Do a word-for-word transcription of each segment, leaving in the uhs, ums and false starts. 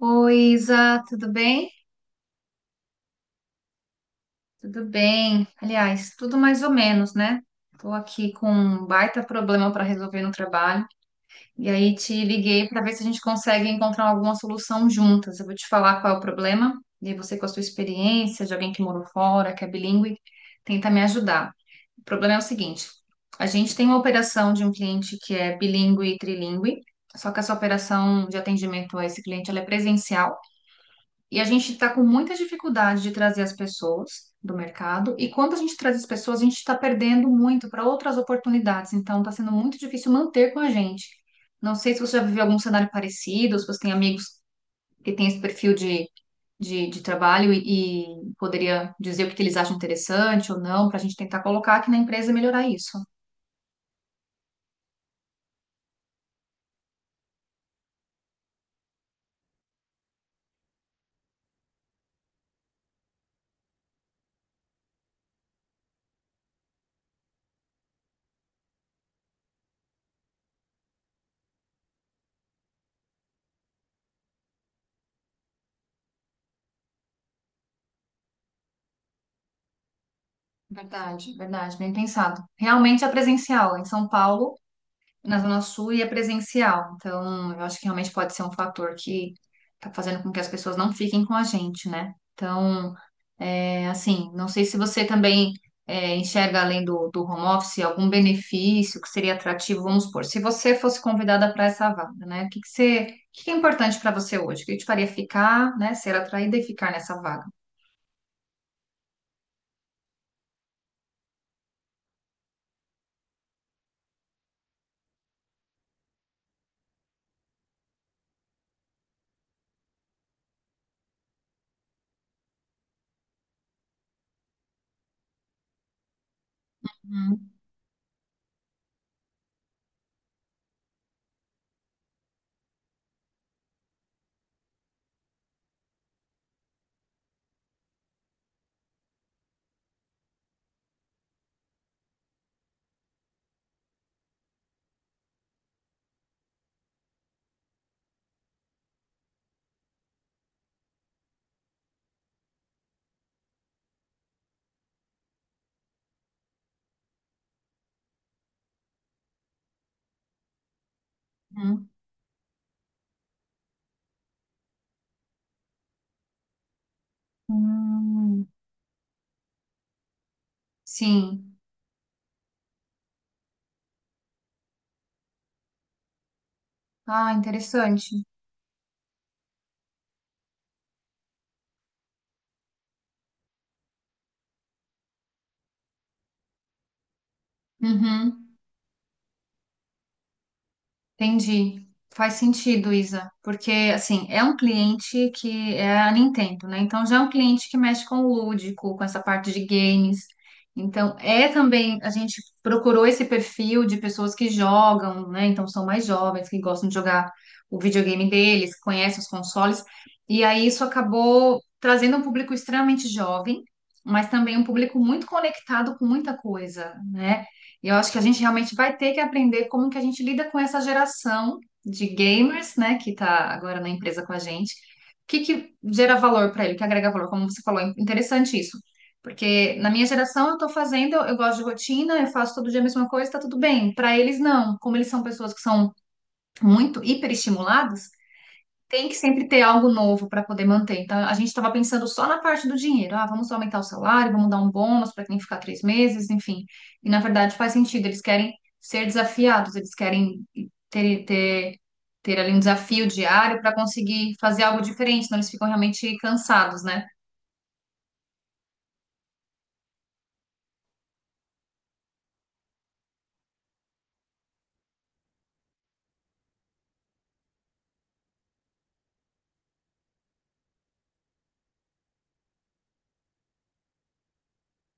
Oi, Isa, tudo bem? Tudo bem. Aliás, tudo mais ou menos, né? Estou aqui com um baita problema para resolver no trabalho e aí te liguei para ver se a gente consegue encontrar alguma solução juntas. Eu vou te falar qual é o problema e aí você, com a sua experiência de alguém que morou fora, que é bilíngue, tenta me ajudar. O problema é o seguinte: a gente tem uma operação de um cliente que é bilíngue e trilíngue, só que essa operação de atendimento a esse cliente ela é presencial. E a gente está com muita dificuldade de trazer as pessoas do mercado, e quando a gente traz as pessoas, a gente está perdendo muito para outras oportunidades, então está sendo muito difícil manter com a gente. Não sei se você já viveu algum cenário parecido, se você tem amigos que têm esse perfil de, de, de trabalho e, e poderia dizer o que que eles acham interessante ou não, para a gente tentar colocar aqui na empresa e melhorar isso. Verdade, verdade, bem pensado. Realmente é presencial. Em São Paulo, na Zona Sul e é presencial. Então, eu acho que realmente pode ser um fator que tá fazendo com que as pessoas não fiquem com a gente, né? Então, é assim, não sei se você também é, enxerga além do, do home office algum benefício que seria atrativo, vamos supor, se você fosse convidada para essa vaga, né? O que que você, o que que é importante para você hoje? O que te faria ficar, né? Ser atraída e ficar nessa vaga? Uhum. Hum, sim. Ah, interessante. Uhum. Entendi. Faz sentido, Isa, porque assim, é um cliente que é a Nintendo, né? Então já é um cliente que mexe com o lúdico, com essa parte de games. Então é também, a gente procurou esse perfil de pessoas que jogam, né? Então são mais jovens, que gostam de jogar o videogame deles, que conhecem os consoles. E aí isso acabou trazendo um público extremamente jovem, mas também um público muito conectado com muita coisa, né? E eu acho que a gente realmente vai ter que aprender como que a gente lida com essa geração de gamers, né, que tá agora na empresa com a gente. O que que gera valor para ele, o que agrega valor, como você falou, é interessante isso. Porque na minha geração eu tô fazendo, eu, eu gosto de rotina, eu faço todo dia a mesma coisa, tá tudo bem. Para eles não, como eles são pessoas que são muito hiperestimuladas, tem que sempre ter algo novo para poder manter. Então, a gente estava pensando só na parte do dinheiro. Ah, vamos aumentar o salário, vamos dar um bônus para quem ficar três meses, enfim. E na verdade faz sentido, eles querem ser desafiados, eles querem ter, ter, ter ali um desafio diário para conseguir fazer algo diferente, senão eles ficam realmente cansados, né?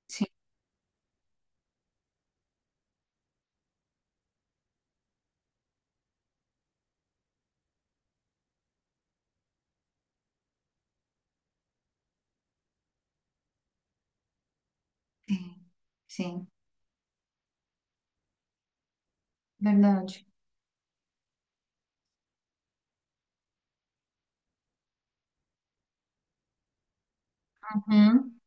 Sim, sim, sim, verdade. Uhum,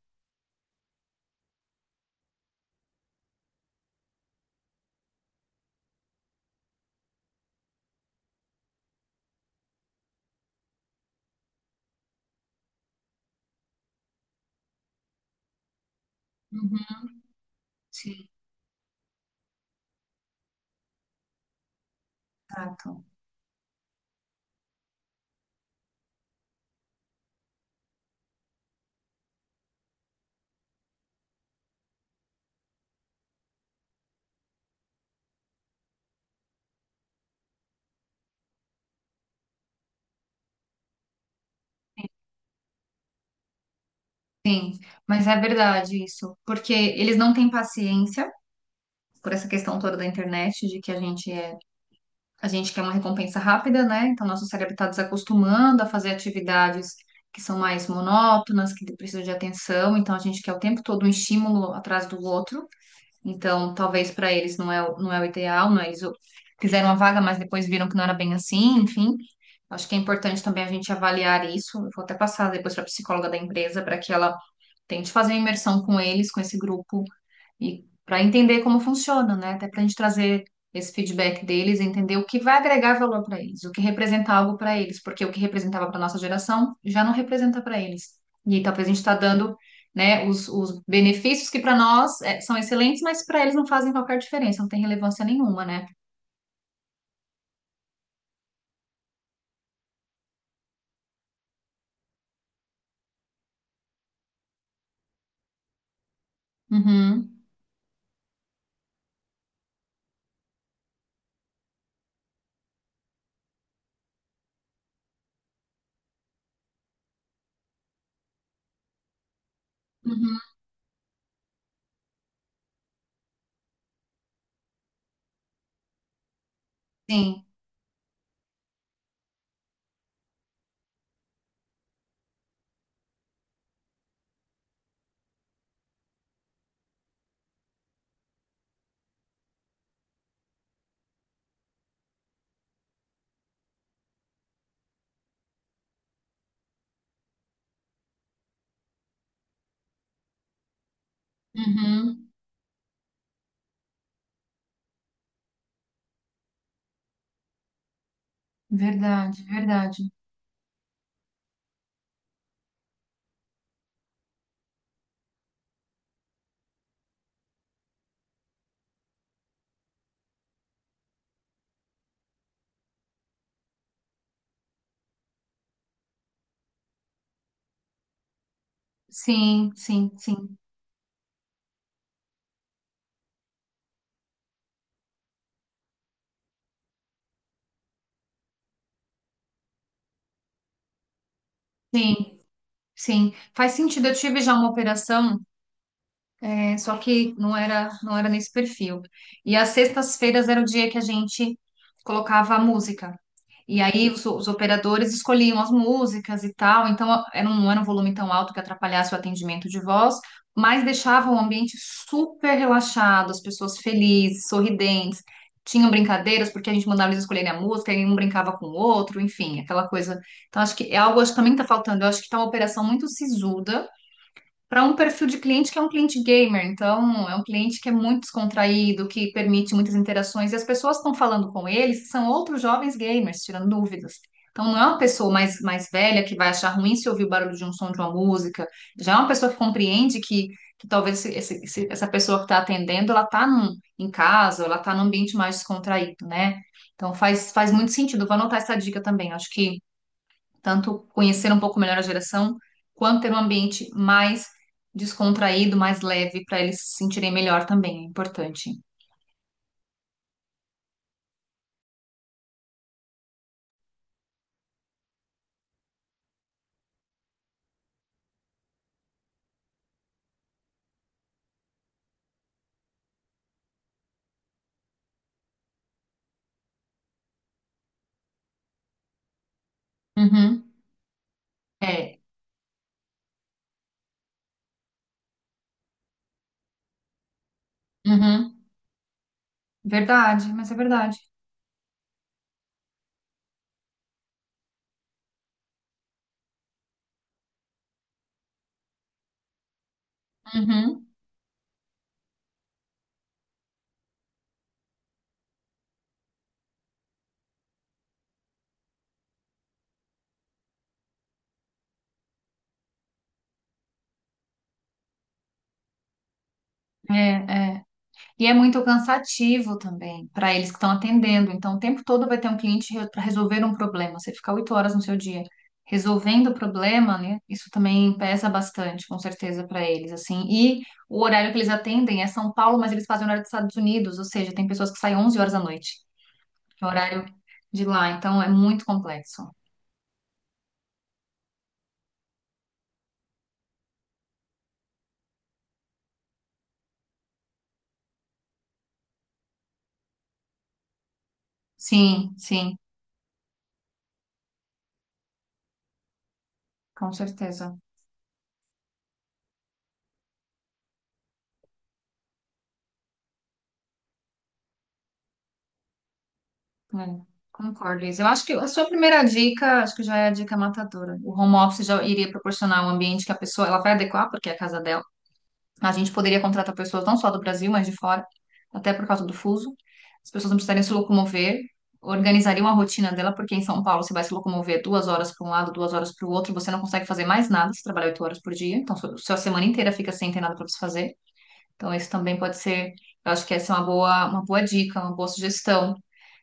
uhum, sim, exato. Mas é verdade isso, porque eles não têm paciência por essa questão toda da internet, de que a gente é A gente quer uma recompensa rápida, né? Então, nosso cérebro está desacostumando a fazer atividades que são mais monótonas, que precisam de atenção. Então, a gente quer o tempo todo um estímulo atrás do outro. Então, talvez para eles não é, o- não é o ideal, não é? Eles o- fizeram uma vaga, mas depois viram que não era bem assim, enfim. Acho que é importante também a gente avaliar isso. Eu vou até passar depois para a psicóloga da empresa para que ela tente fazer uma imersão com eles, com esse grupo e para entender como funciona, né? Até para a gente trazer esse feedback deles, entender o que vai agregar valor para eles, o que representa algo para eles, porque o que representava para nossa geração já não representa para eles. E aí, talvez a gente está dando, né, os, os benefícios que para nós é, são excelentes, mas para eles não fazem qualquer diferença, não tem relevância nenhuma, né? Uhum, uhum, sim, uhum, verdade, verdade. Sim, sim, sim, sim, sim. Faz sentido. Eu tive já uma operação. É, só que não era, não era nesse perfil. E as sextas-feiras era o dia que a gente colocava a música. E aí os, os operadores escolhiam as músicas e tal, então a- era um, não era um volume tão alto que atrapalhasse o atendimento de voz, mas deixava o ambiente super relaxado, as pessoas felizes, sorridentes, tinham brincadeiras, porque a gente mandava eles escolherem a música, e um brincava com o outro, enfim, aquela coisa. Então acho que é algo acho que também está faltando, eu acho que está uma operação muito sisuda, para um perfil de cliente que é um cliente gamer, então é um cliente que é muito descontraído, que permite muitas interações, e as pessoas que estão falando com ele são outros jovens gamers, tirando dúvidas. Então não é uma pessoa mais, mais velha que vai achar ruim se ouvir o barulho de um som de uma música, já é uma pessoa que compreende que, que talvez esse- esse- esse- essa pessoa que está atendendo, ela está em casa, ela está num ambiente mais descontraído, né? Então faz, faz muito sentido, vou anotar essa dica também, acho que tanto conhecer um pouco melhor a geração, quanto ter um ambiente mais descontraído, mais leve, para eles se sentirem melhor também, é importante. Uhum, é, uhum, verdade, mas é verdade. Uhum, é, é. E é muito cansativo também para eles que estão atendendo. Então, o tempo todo vai ter um cliente para resolver um problema. Você ficar oito horas no seu dia resolvendo o problema, né? Isso também pesa bastante, com certeza, para eles, assim. E o horário que eles atendem é São Paulo, mas eles fazem o horário dos Estados Unidos, ou seja, tem pessoas que saem onze horas da noite, que é o horário de lá. Então, é muito complexo. Sim, sim, com certeza. É, concordo, Liz. Eu acho que a sua primeira dica, acho que já é a dica matadora. O home office já iria proporcionar um ambiente que a pessoa, ela vai adequar, porque é a casa dela. A gente poderia contratar pessoas não só do Brasil, mas de fora, até por causa do fuso. As pessoas não precisariam se locomover, organizariam a rotina dela, porque em São Paulo você vai se locomover duas horas para um lado, duas horas para o outro, você não consegue fazer mais nada se trabalhar oito horas por dia. Então, sua, sua semana inteira fica sem ter nada para você fazer. Então, isso também pode ser, eu acho que essa é uma boa, uma boa dica, uma boa sugestão.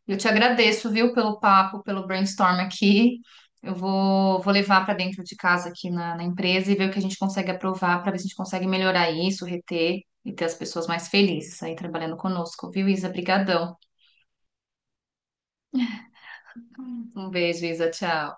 Eu te agradeço, viu, pelo papo, pelo brainstorm aqui. Eu vou, vou levar para dentro de casa aqui na, na empresa e ver o que a gente consegue aprovar para ver se a gente consegue melhorar isso, reter e ter as pessoas mais felizes aí trabalhando conosco, viu, Isa? Brigadão! Um beijo, Isa. Tchau.